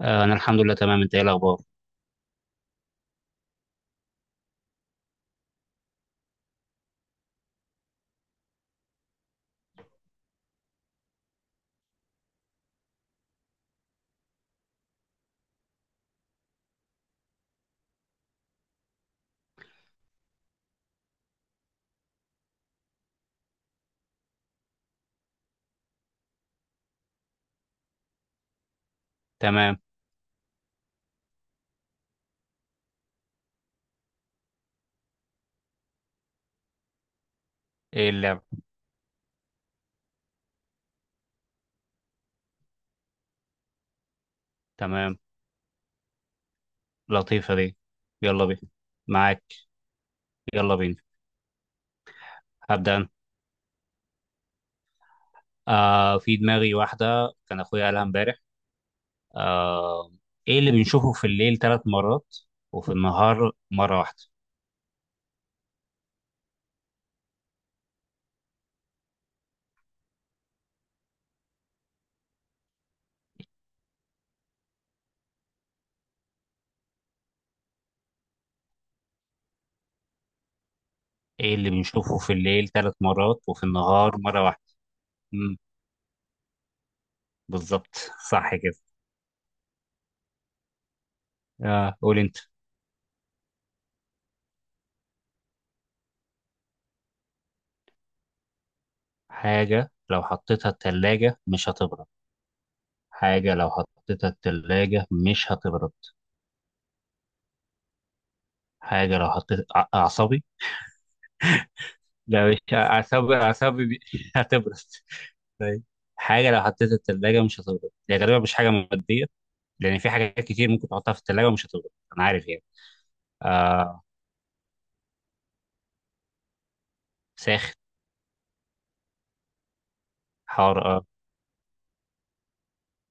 آه، انا الحمد لله تمام. انت ايه الاخبار؟ تمام. ايه اللعب؟ تمام. لطيفه دي. يلا بينا. معاك. يلا بينا. هبدا انا. آه، في دماغي واحده كان اخويا قالها امبارح. آه. ايه اللي بنشوفه في الليل 3 مرات وفي النهار مره واحده؟ ايه اللي بنشوفه في الليل ثلاث مرات وفي النهار مره واحده؟ مم. بالظبط. صح كده. آه، قول انت. حاجه لو حطيتها الثلاجه مش هتبرد. حاجه لو حطيتها الثلاجه مش هتبرد. حاجة لو حطيت أعصابي. لا، مش أعصابي. أعصابي هتبرد. طيب. حاجة لو حطيتها في التلاجة مش هتبرد، هي غالبا مش حاجة مادية، لأن في حاجات كتير ممكن تحطها في التلاجة ومش هتبرد. أنا عارف يعني. آه. ساخن. حار، آه.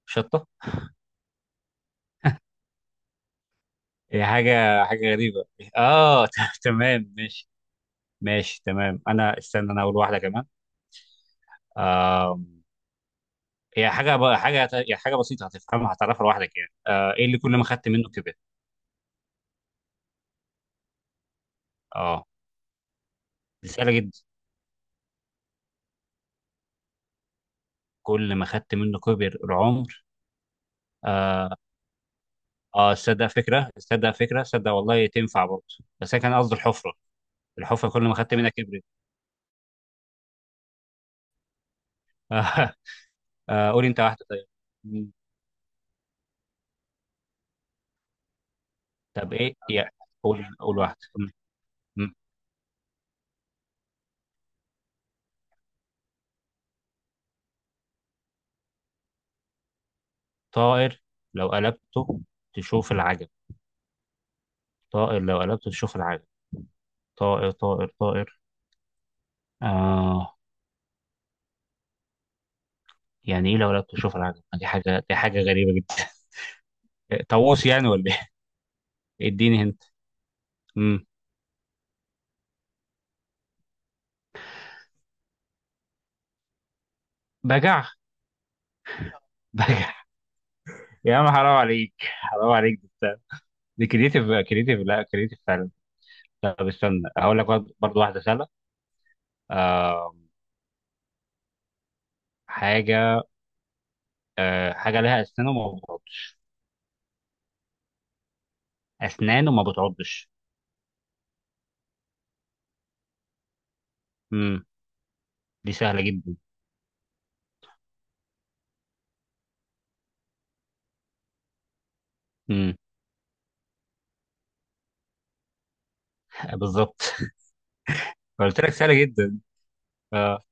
شطة. هي حاجة غريبة. آه. تمام ماشي. ماشي تمام. أنا استنى، أنا أقول واحدة كمان. آه. هي حاجة ب- حاجة هي حاجة بسيطة، هتفهمها هتعرفها لوحدك يعني. إيه اللي كل ما خدت منه كبر؟ آه. دي سهلة جدا. كل ما خدت منه كبر العمر. اه، تصدق فكره تصدق فكره تصدق، والله تنفع برضه. بس انا كان قصدي الحفره. الحفره كل ما خدت منها كبرت. آه. آه، قولي انت واحده طيب. مم. طب ايه يعني؟ قول، قول واحده. مم. مم. طائر لو قلبته تشوف العجب. طائر لو قلبته تشوف العجب. طائر، طائر، طائر. آه. يعني ايه لو قلبته تشوف العجب؟ دي حاجه غريبه جدا. طاووس يعني ولا ايه؟ اديني هنت. مم. بجع؟ بجع. يا عم، حرام عليك، حرام عليك ده. دي كريتيف. كريتيف، لا كريتيف فعلا. طب استنى، هقول لك برضه برضه واحده سهله. آه. حاجه. آه، حاجه لها اسنان وما بتعضش. اسنان وما بتعضش. امم. دي سهله جدا. امم. بالظبط. قلت لك سهله جدا. آه.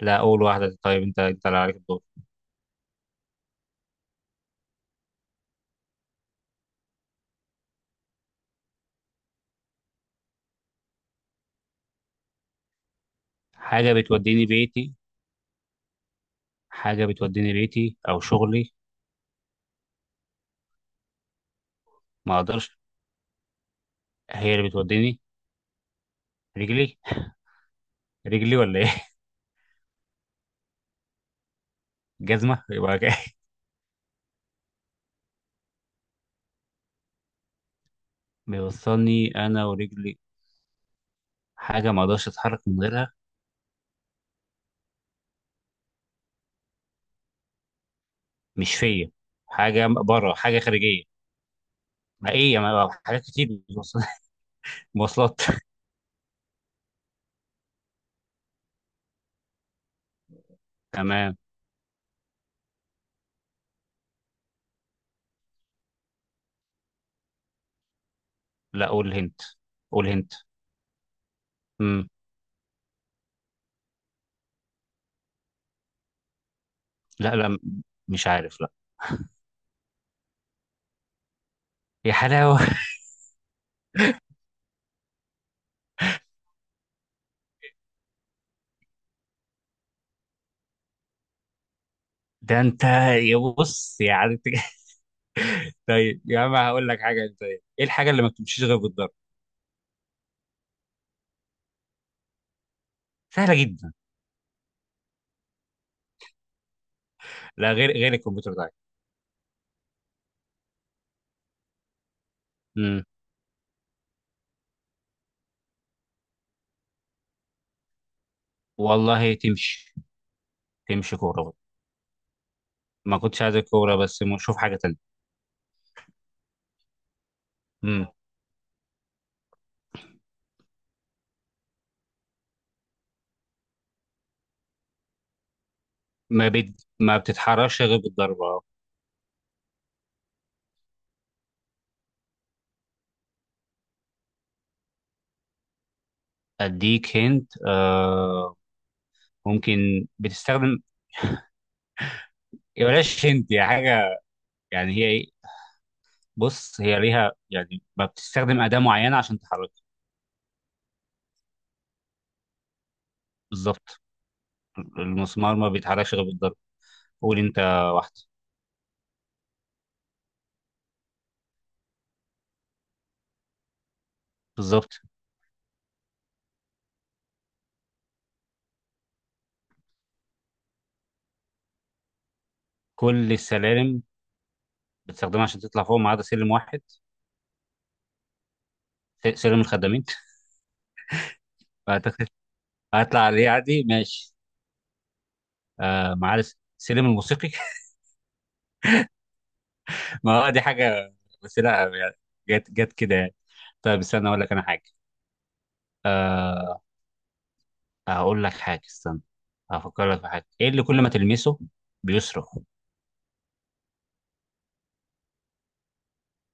لا، اول واحده. طيب انت اللي عليك الدور. حاجه بتوديني بيتي. حاجه بتوديني بيتي او شغلي. ما اقدرش. هي اللي بتوديني. رجلي. رجلي ولا ايه؟ جزمه يبقى كده. بيوصلني انا ورجلي. حاجه ما اقدرش اتحرك من غيرها. مش فيا. حاجه بره، حاجه خارجيه. ما ايه، يا ما حاجات كتير. مواصلات. مواصلات. تمام. لا، قول هنت، قول هنت. امم. لا، لا، مش عارف، لا. يا حلاوه. ده انت. يا بص، يعني انت. طيب يا عم، هقول لك حاجه. انت ايه الحاجه اللي ما بتمشيش غير بالضرب؟ سهله جدا. لا، غير الكمبيوتر ده. امم. والله تمشي. تمشي كوره. ما كنتش عايز الكوره بس، شوف حاجه تانيه. امم. ما بتتحركش غير بالضربه. اديك هنت، آه. ممكن بتستخدم. يا بلاش هنت، يا حاجه. يعني هي ايه؟ بص، هي ليها يعني، ما بتستخدم اداه معينه عشان تحركها. بالظبط. المسمار ما بيتحركش غير بالضرب. قول انت واحده. بالظبط. كل السلالم بتستخدمها عشان تطلع فوق ما عدا سلم واحد. سلم الخدامين. فأعتقد هطلع عليه عادي، ماشي. آه، ما عدا سلم الموسيقي. ما هو دي حاجه، بس لا يعني، جت جت كده يعني. طيب استنى اقول لك انا حاجه. آه. هقول لك حاجة، استنى، هفكر لك في حاجة. ايه اللي كل ما تلمسه بيصرخ؟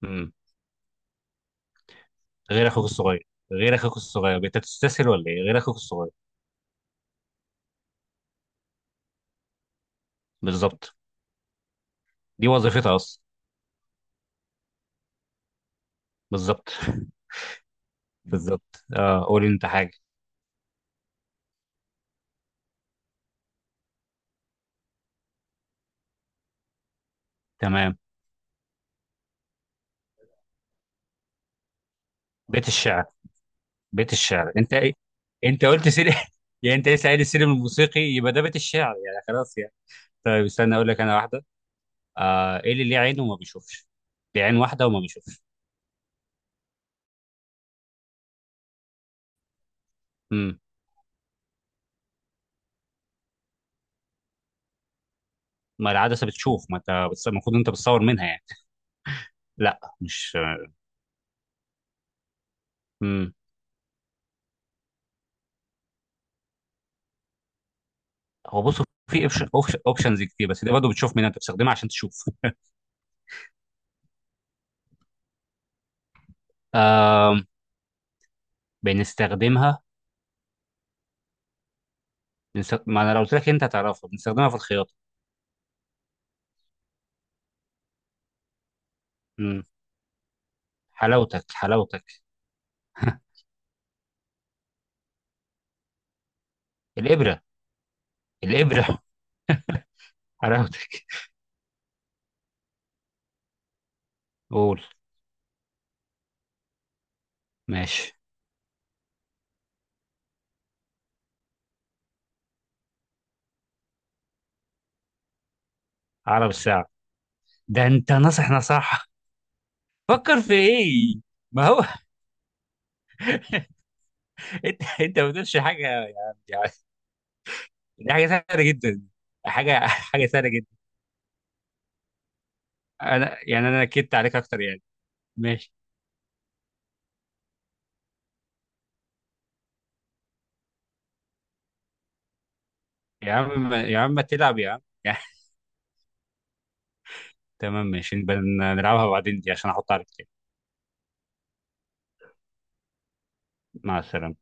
امم. غير اخوك الصغير. غير اخوك الصغير، انت تستسهل ولا ايه؟ غير اخوك الصغير. بالظبط. دي وظيفتها اصلا. بالظبط. بالظبط. اه، قول انت حاجة. تمام. بيت الشعر. بيت الشعر، انت ايه؟ انت قلت سلم، يعني انت لسه قايل السلم الموسيقي، يبقى ده بيت الشعر يعني، خلاص يعني. طيب استنى اقول لك انا واحدة. آه، ايه اللي ليه عين وما بيشوفش؟ ليه عين واحدة وما بيشوفش. امم. ما العدسة بتشوف، ما انت المفروض انت بتصور منها يعني. لا، مش. امم. هو بصوا في اوبشنز كتير، بس دي برضه بتشوف. مين انت بتستخدمها عشان تشوف؟ آم، بنستخدمها. ما انا لو قلت لك انت هتعرفها، بنستخدمها في الخياطه. امم. حلاوتك، حلاوتك. الابره. الابره. حلاوتك. قول. ماشي. عقرب الساعه. ده انت ناصح نصح. فكر في ايه؟ ما هو. انت ما بتقولش حاجه يعني، يعني. دي حاجه سهله جدا. حاجه سهله جدا. انا يعني، انا اكدت عليك اكتر يعني. ماشي. يا عم، يا عم، ما تلعب يا عم. يا- تمام ماشي. نبقى نلعبها بعدين دي عشان احط عليك تاني. مع السلامة.